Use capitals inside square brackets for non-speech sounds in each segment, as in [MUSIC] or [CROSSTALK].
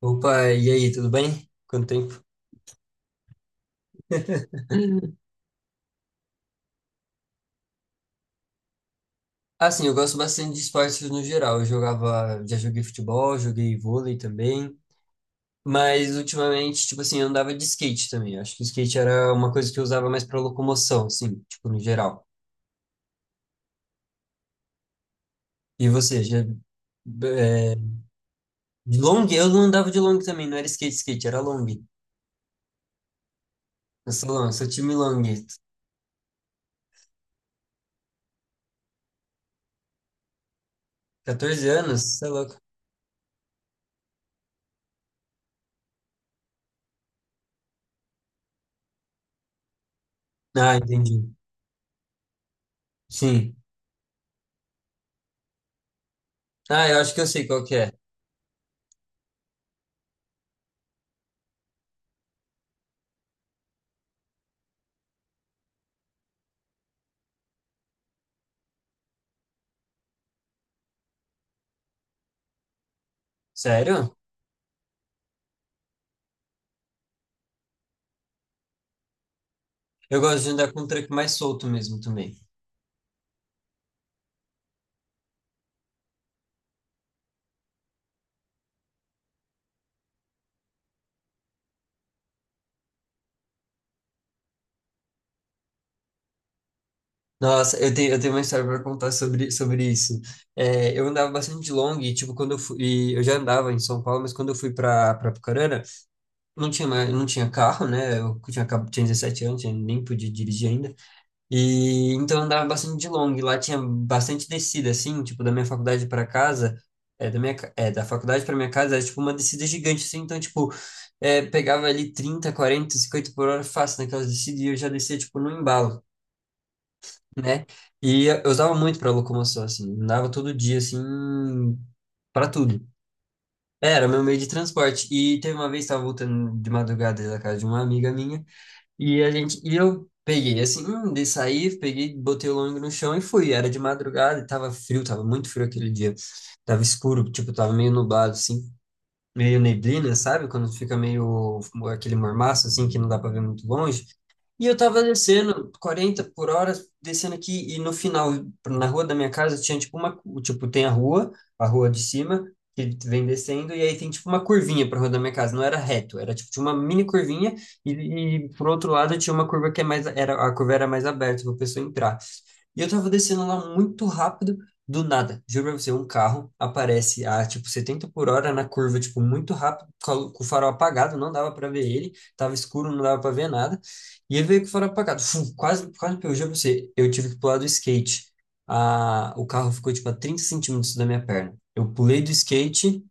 Opa, e aí, tudo bem? Quanto tempo? Assim, eu gosto bastante de esportes no geral. Eu jogava, já joguei futebol, joguei vôlei também, mas ultimamente, tipo assim, eu andava de skate também. Eu acho que o skate era uma coisa que eu usava mais para locomoção, assim, tipo, no geral. E você, já, de long? Eu não andava de long também, não era skate, skate, era long. Eu sou long, sou time long. 14 anos? Você é louco. Ah, entendi. Sim. Ah, eu acho que eu sei qual que é. Sério? Eu gosto de andar com o tranco mais solto mesmo também. Nossa, eu tenho uma história para contar sobre isso. É, eu andava bastante de long, e, tipo, quando eu fui, eu já andava em São Paulo, mas quando eu fui para Apucarana, não tinha mais, não tinha carro, né? Eu tinha, tinha 17 anos, eu nem podia dirigir ainda. E então eu andava bastante de long. Lá tinha bastante descida, assim, tipo, da minha faculdade para casa, da faculdade para minha casa, era tipo uma descida gigante, assim, então, tipo, pegava ali 30, 40, 50 por hora fácil naquelas descidas e eu já descia, tipo, no embalo, né? E eu usava muito para locomoção, assim, andava todo dia, assim, para tudo. Era meu meio de transporte. E teve uma vez, estava voltando de madrugada da casa de uma amiga minha, e eu peguei, assim, de sair, peguei, botei o longo no chão e fui. Era de madrugada e tava frio, tava muito frio aquele dia. Tava escuro, tipo, tava meio nublado, assim, meio neblina, sabe? Quando fica meio aquele mormaço, assim, que não dá para ver muito longe. E eu tava descendo 40 por hora, descendo aqui, e no final, na rua da minha casa, tinha tipo uma, tipo, tem a rua de cima, que vem descendo, e aí tem tipo uma curvinha pra rua da minha casa, não era reto, era tipo, tinha uma mini curvinha, e, e por outro lado tinha uma curva que é mais, era, a curva era mais aberta pra pessoa entrar. E eu tava descendo lá muito rápido, do nada, juro pra você, um carro aparece a tipo 70 por hora na curva, tipo, muito rápido, com o farol apagado, não dava pra ver ele, tava escuro, não dava pra ver nada. E ele veio que foram apagados. Fum, quase, quase, eu juro pra você, eu tive que pular do skate. Ah, o carro ficou, tipo, a 30 centímetros da minha perna. Eu pulei do skate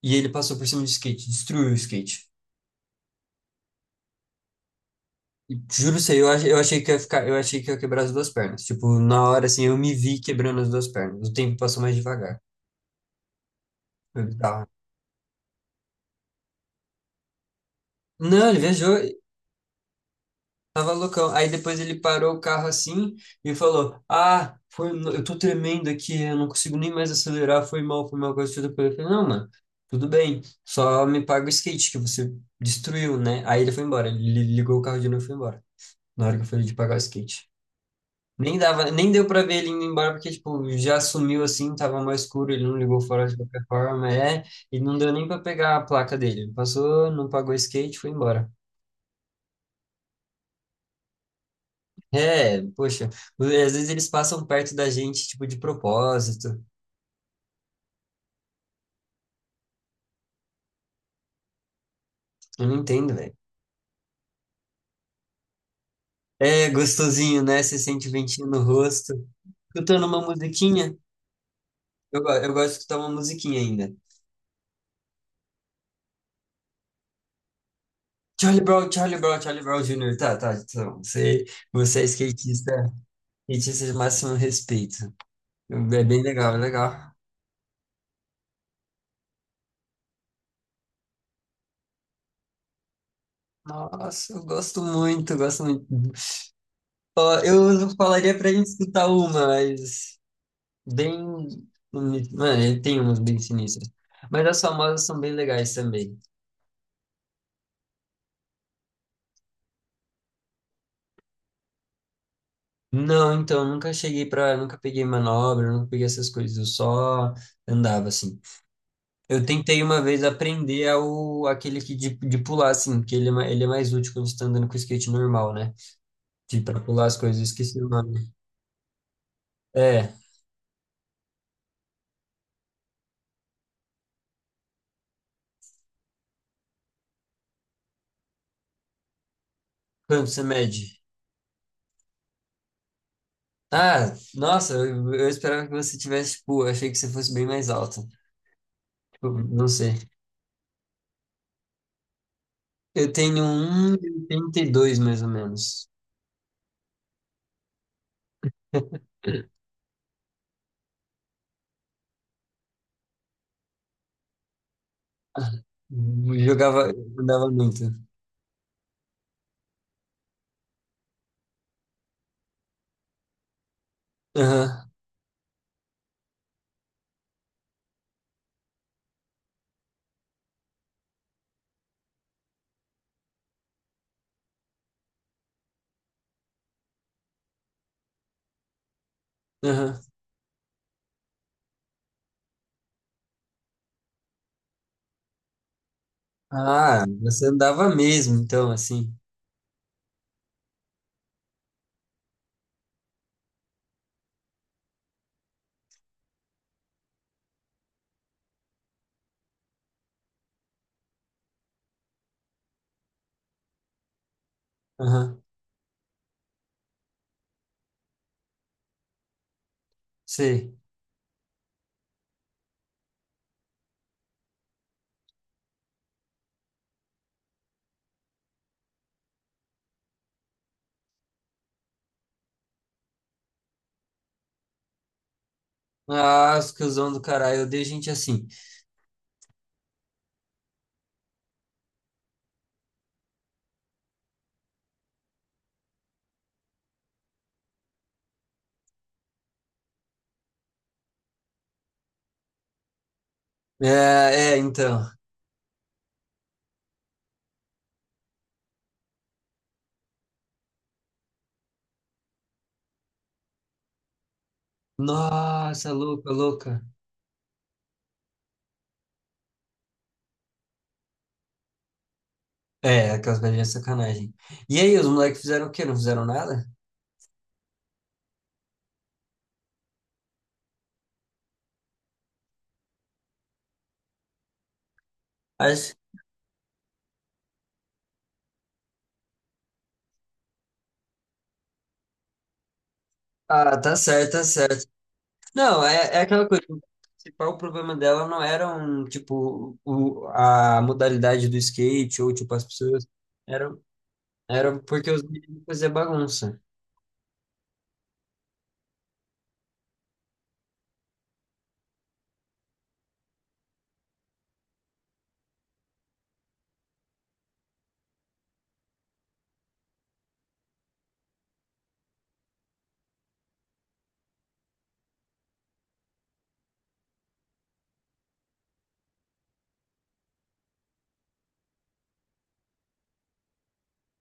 e ele passou por cima do skate, destruiu o skate. E, juro pra você, eu achei que ia ficar, eu achei que ia quebrar as duas pernas. Tipo, na hora, assim, eu me vi quebrando as duas pernas. O tempo passou mais devagar. Eu, tá. Não, ele viajou, tava loucão. Aí depois ele parou o carro assim e falou: Ah, foi, eu tô tremendo aqui, eu não consigo nem mais acelerar, foi mal, coisa toda. Eu falei: Não, mano, tudo bem, só me paga o skate que você destruiu, né? Aí ele foi embora, ele ligou o carro de novo e foi embora, na hora que eu falei de pagar o skate. Nem dava, nem deu pra ver ele indo embora, porque, tipo, já sumiu assim, tava mais escuro, ele não ligou fora de qualquer forma, e não deu nem pra pegar a placa dele. Passou, não pagou o skate, foi embora. É, poxa, às vezes eles passam perto da gente, tipo, de propósito. Eu não entendo, velho. É gostosinho, né? Você sente o ventinho no rosto. Escutando uma musiquinha. Eu gosto de escutar uma musiquinha ainda. Charlie Brown, Charlie Brown, Charlie Brown Jr. Tá, tá, então, você, é skatista, skatista de máximo respeito. É bem legal, é legal. Nossa, eu gosto muito, eu gosto muito. Ó, eu não falaria pra gente escutar uma, mas bem. Mano, ele tem umas bem sinistras. Mas as famosas são bem legais também. Não, então, nunca cheguei pra. Nunca peguei manobra, nunca peguei essas coisas. Eu só andava assim. Eu tentei uma vez aprender ao, aquele que de pular, assim, que ele, ele é mais útil quando você tá andando com o skate normal, né? De pra pular as coisas, eu esqueci o nome. É, quanto você mede? Ah, nossa, eu esperava que você tivesse, tipo, eu achei que você fosse bem mais alto. Tipo, não sei. Eu tenho 1,82 mais ou menos. [LAUGHS] Jogava, andava muito. Aham, aham. Ah, você andava mesmo, então, assim. Aham, sei. Ah, os cuzão do caralho, eu odeio gente assim. É, é, então. Nossa, louca, louca. É, aquelas velhinhas sacanagem. E aí, os moleques fizeram o quê? Não fizeram nada? Acho. Ah, tá certo, tá certo. Não, é aquela coisa. O principal problema dela não eram, tipo, o, a modalidade do skate ou, tipo, as pessoas. Eram, eram porque os meninos faziam bagunça.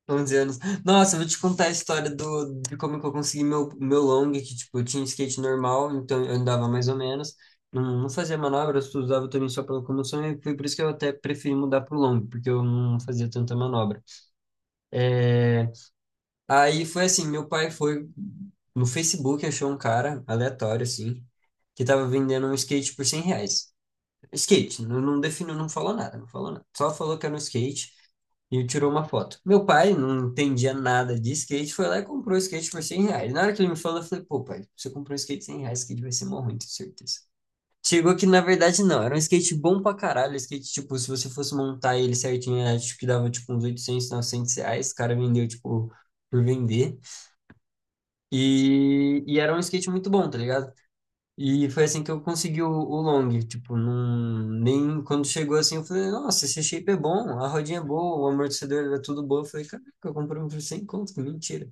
11 anos. Nossa, eu vou te contar a história do, de como que eu consegui meu long, que, tipo, eu tinha um skate normal, então eu andava mais ou menos. Não, não fazia manobras, tu usava também só pra locomoção, e foi por isso que eu até preferi mudar pro long, porque eu não fazia tanta manobra. É, Aí foi assim, meu pai foi no Facebook, achou um cara aleatório, assim, que tava vendendo um skate por 100 reais. Skate, não, não definiu, não falou nada, não falou nada. Só falou que era um skate e tirou uma foto. Meu pai não entendia nada de skate, foi lá e comprou o skate por 100 reais. Na hora que ele me falou, eu falei, pô, pai, você comprou um skate 100 reais, esse skate vai ser mó ruim, tenho certeza. Chegou que, na verdade, não, era um skate bom pra caralho, skate, tipo, se você fosse montar ele certinho, acho que dava, tipo, uns 800 900 reais, o cara vendeu, tipo, por vender. E era um skate muito bom, tá ligado? E foi assim que eu consegui o long, tipo, nem quando chegou assim, eu falei, nossa, esse shape é bom, a rodinha é boa, o amortecedor era tudo bom. Eu falei, caraca, eu comprei um por 100 conto, que mentira.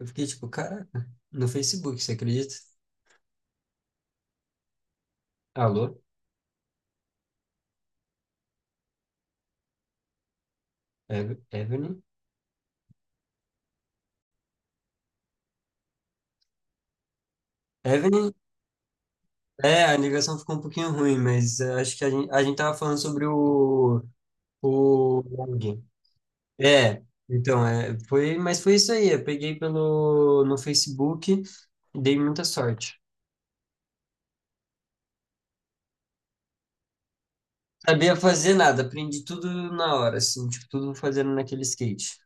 Eu fiquei tipo, caraca, no Facebook, você acredita? Alô? Evelyn? Evelyn? É, a ligação ficou um pouquinho ruim, mas acho que a gente tava falando sobre o long. É, então, foi, mas foi isso aí. Eu peguei no Facebook e dei muita sorte. Sabia fazer nada, aprendi tudo na hora, assim, tipo, tudo fazendo naquele skate.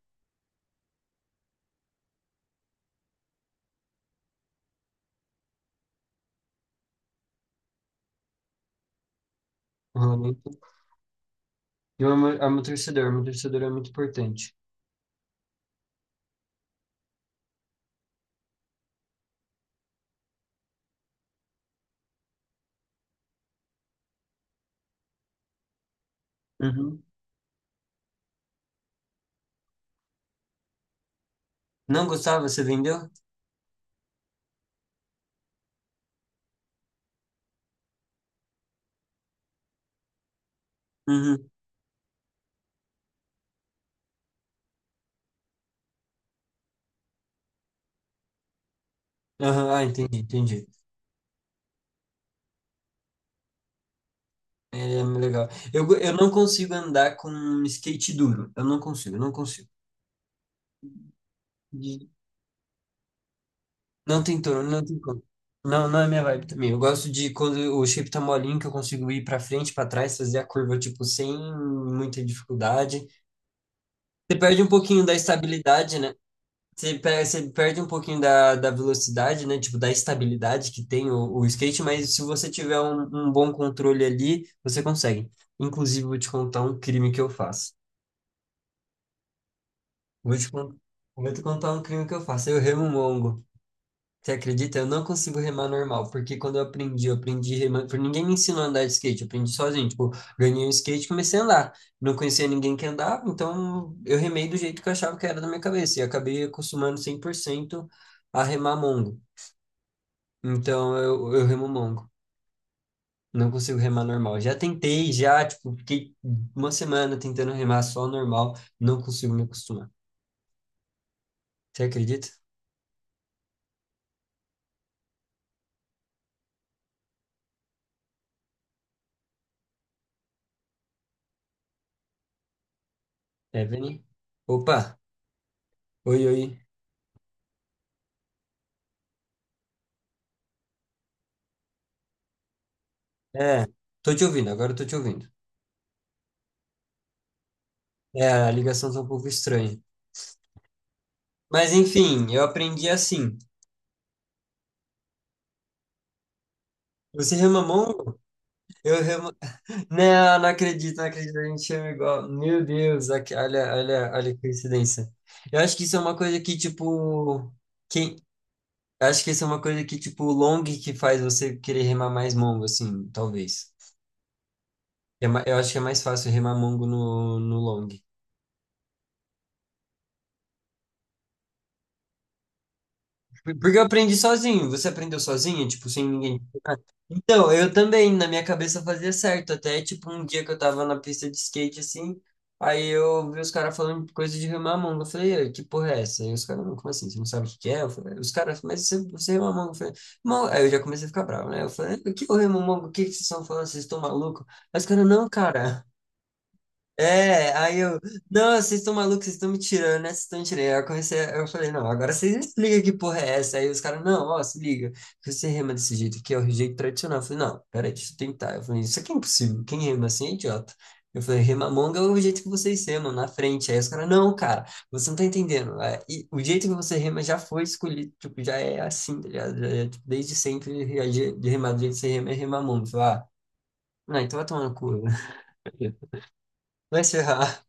O rolamento. E o amortecedor é muito importante. Uhum. Não gostava? Você vendeu? Uhum. Aham, ah, entendi, entendi. É legal. Eu não consigo andar com um skate duro. Eu não consigo, eu não consigo. Não tem turno, não tem como. Não, não é minha vibe também. Eu gosto de quando o shape tá molinho, que eu consigo ir pra frente, pra trás, fazer a curva, tipo, sem muita dificuldade. Você perde um pouquinho da estabilidade, né? Você perde um pouquinho da velocidade, né? Tipo, da estabilidade que tem o skate, mas se você tiver um bom controle ali, você consegue. Inclusive, vou te contar um crime que eu faço. Vou te, con- vou te contar um crime que eu faço. Eu remungo. Você acredita? Eu não consigo remar normal, porque quando eu aprendi remando, porque ninguém me ensinou a andar de skate, eu aprendi sozinho, tipo, ganhei um skate e comecei a andar. Não conhecia ninguém que andava, então eu remei do jeito que eu achava que era da minha cabeça, e acabei acostumando 100% a remar mongo. Então eu remo mongo, não consigo remar normal. Já tentei, já, tipo, fiquei uma semana tentando remar só normal, não consigo me acostumar. Você acredita? Evelyn? Opa, oi, oi. É, tô te ouvindo, agora eu tô te ouvindo. É, a ligação tá um pouco estranha. Mas enfim, eu aprendi assim. Você rema mongo? Eu remo. [LAUGHS] Não, não acredito, não acredito, a gente chama igual. Meu Deus, olha, olha, olha que coincidência. Eu acho que isso é uma coisa que, tipo. Quem. Eu acho que isso é uma coisa que, tipo, o long que faz você querer remar mais mongo, assim, talvez. Eu acho que é mais fácil remar mongo no long. Porque eu aprendi sozinho. Você aprendeu sozinho, tipo, sem ninguém. Então, eu também, na minha cabeça fazia certo, até tipo um dia que eu tava na pista de skate assim, aí eu vi os caras falando coisa de remar a manga, eu falei: "Ei, que porra é essa?" Aí os caras: "Não, como assim, você não sabe o que que é?" Eu falei, os caras, mas você, rema a manga, eu falei, "Mão-", aí eu já comecei a ficar bravo, né? Eu falei, o que eu remo a manga? O que que vocês estão falando? Vocês estão malucos? Aí os caras, não, cara. É, aí eu, não, vocês estão malucos, vocês estão me tirando, né? Vocês estão me tirando. Aí eu comecei, eu falei, não, agora vocês explicam que porra é essa. Aí os caras, não, ó, se liga, que você rema desse jeito aqui, é o jeito tradicional. Eu falei, não, peraí, deixa eu tentar. Eu falei, isso aqui é impossível, quem rema assim é idiota. Eu falei, rema monga é o jeito que vocês remam, na frente. Aí os caras, não, cara, você não tá entendendo. É, e o jeito que você rema já foi escolhido, tipo, já é assim, tá ligado? Já é, tipo, desde sempre, de remar do jeito que você rema é remar. Eu falei, ah, não, então vai tomar no cu, [LAUGHS] vai se ferrar.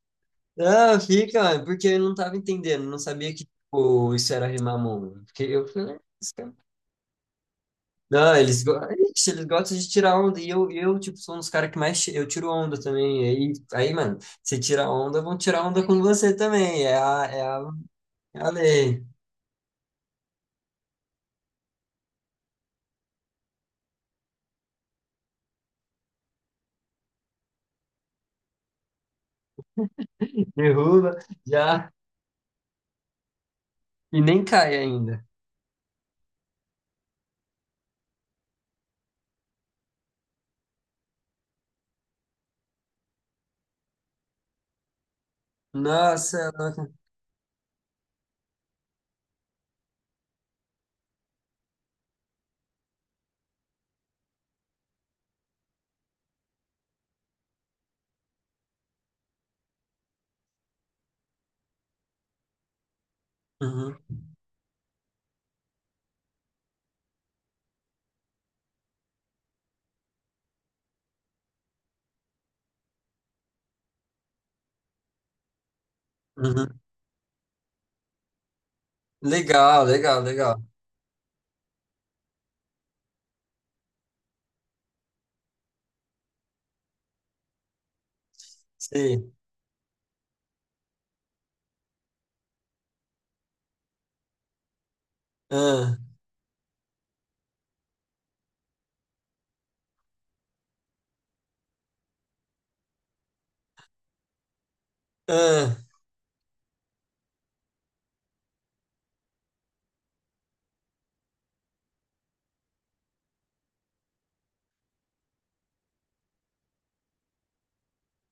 Ah, fica, mano, porque eu não tava entendendo, não sabia que, tipo, isso era rimar mano. Porque eu falei: "Ah, esse cara-". Não, ixi, eles gostam de tirar onda, e eu tipo, sou um dos caras que mais, eu tiro onda também, aí, aí, mano, se tirar onda, vão tirar onda com você também, é a, lei. [LAUGHS] Derruba, já, e nem cai ainda. Nossa, nossa. Uhum, uhum. Legal, legal, legal. Sim. Ah, ah.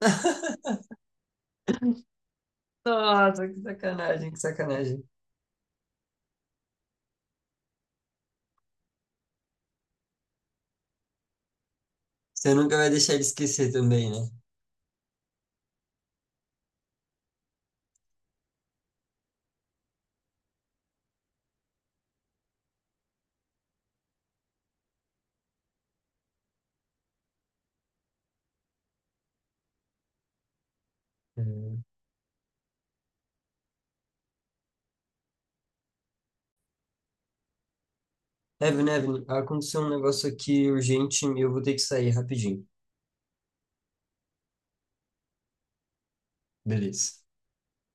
[LAUGHS] Nossa, que sacanagem, que sacanagem. Você nunca vai deixar ele esquecer também, né? Uhum. Evan, Evan, aconteceu um negócio aqui urgente e eu vou ter que sair rapidinho. Beleza.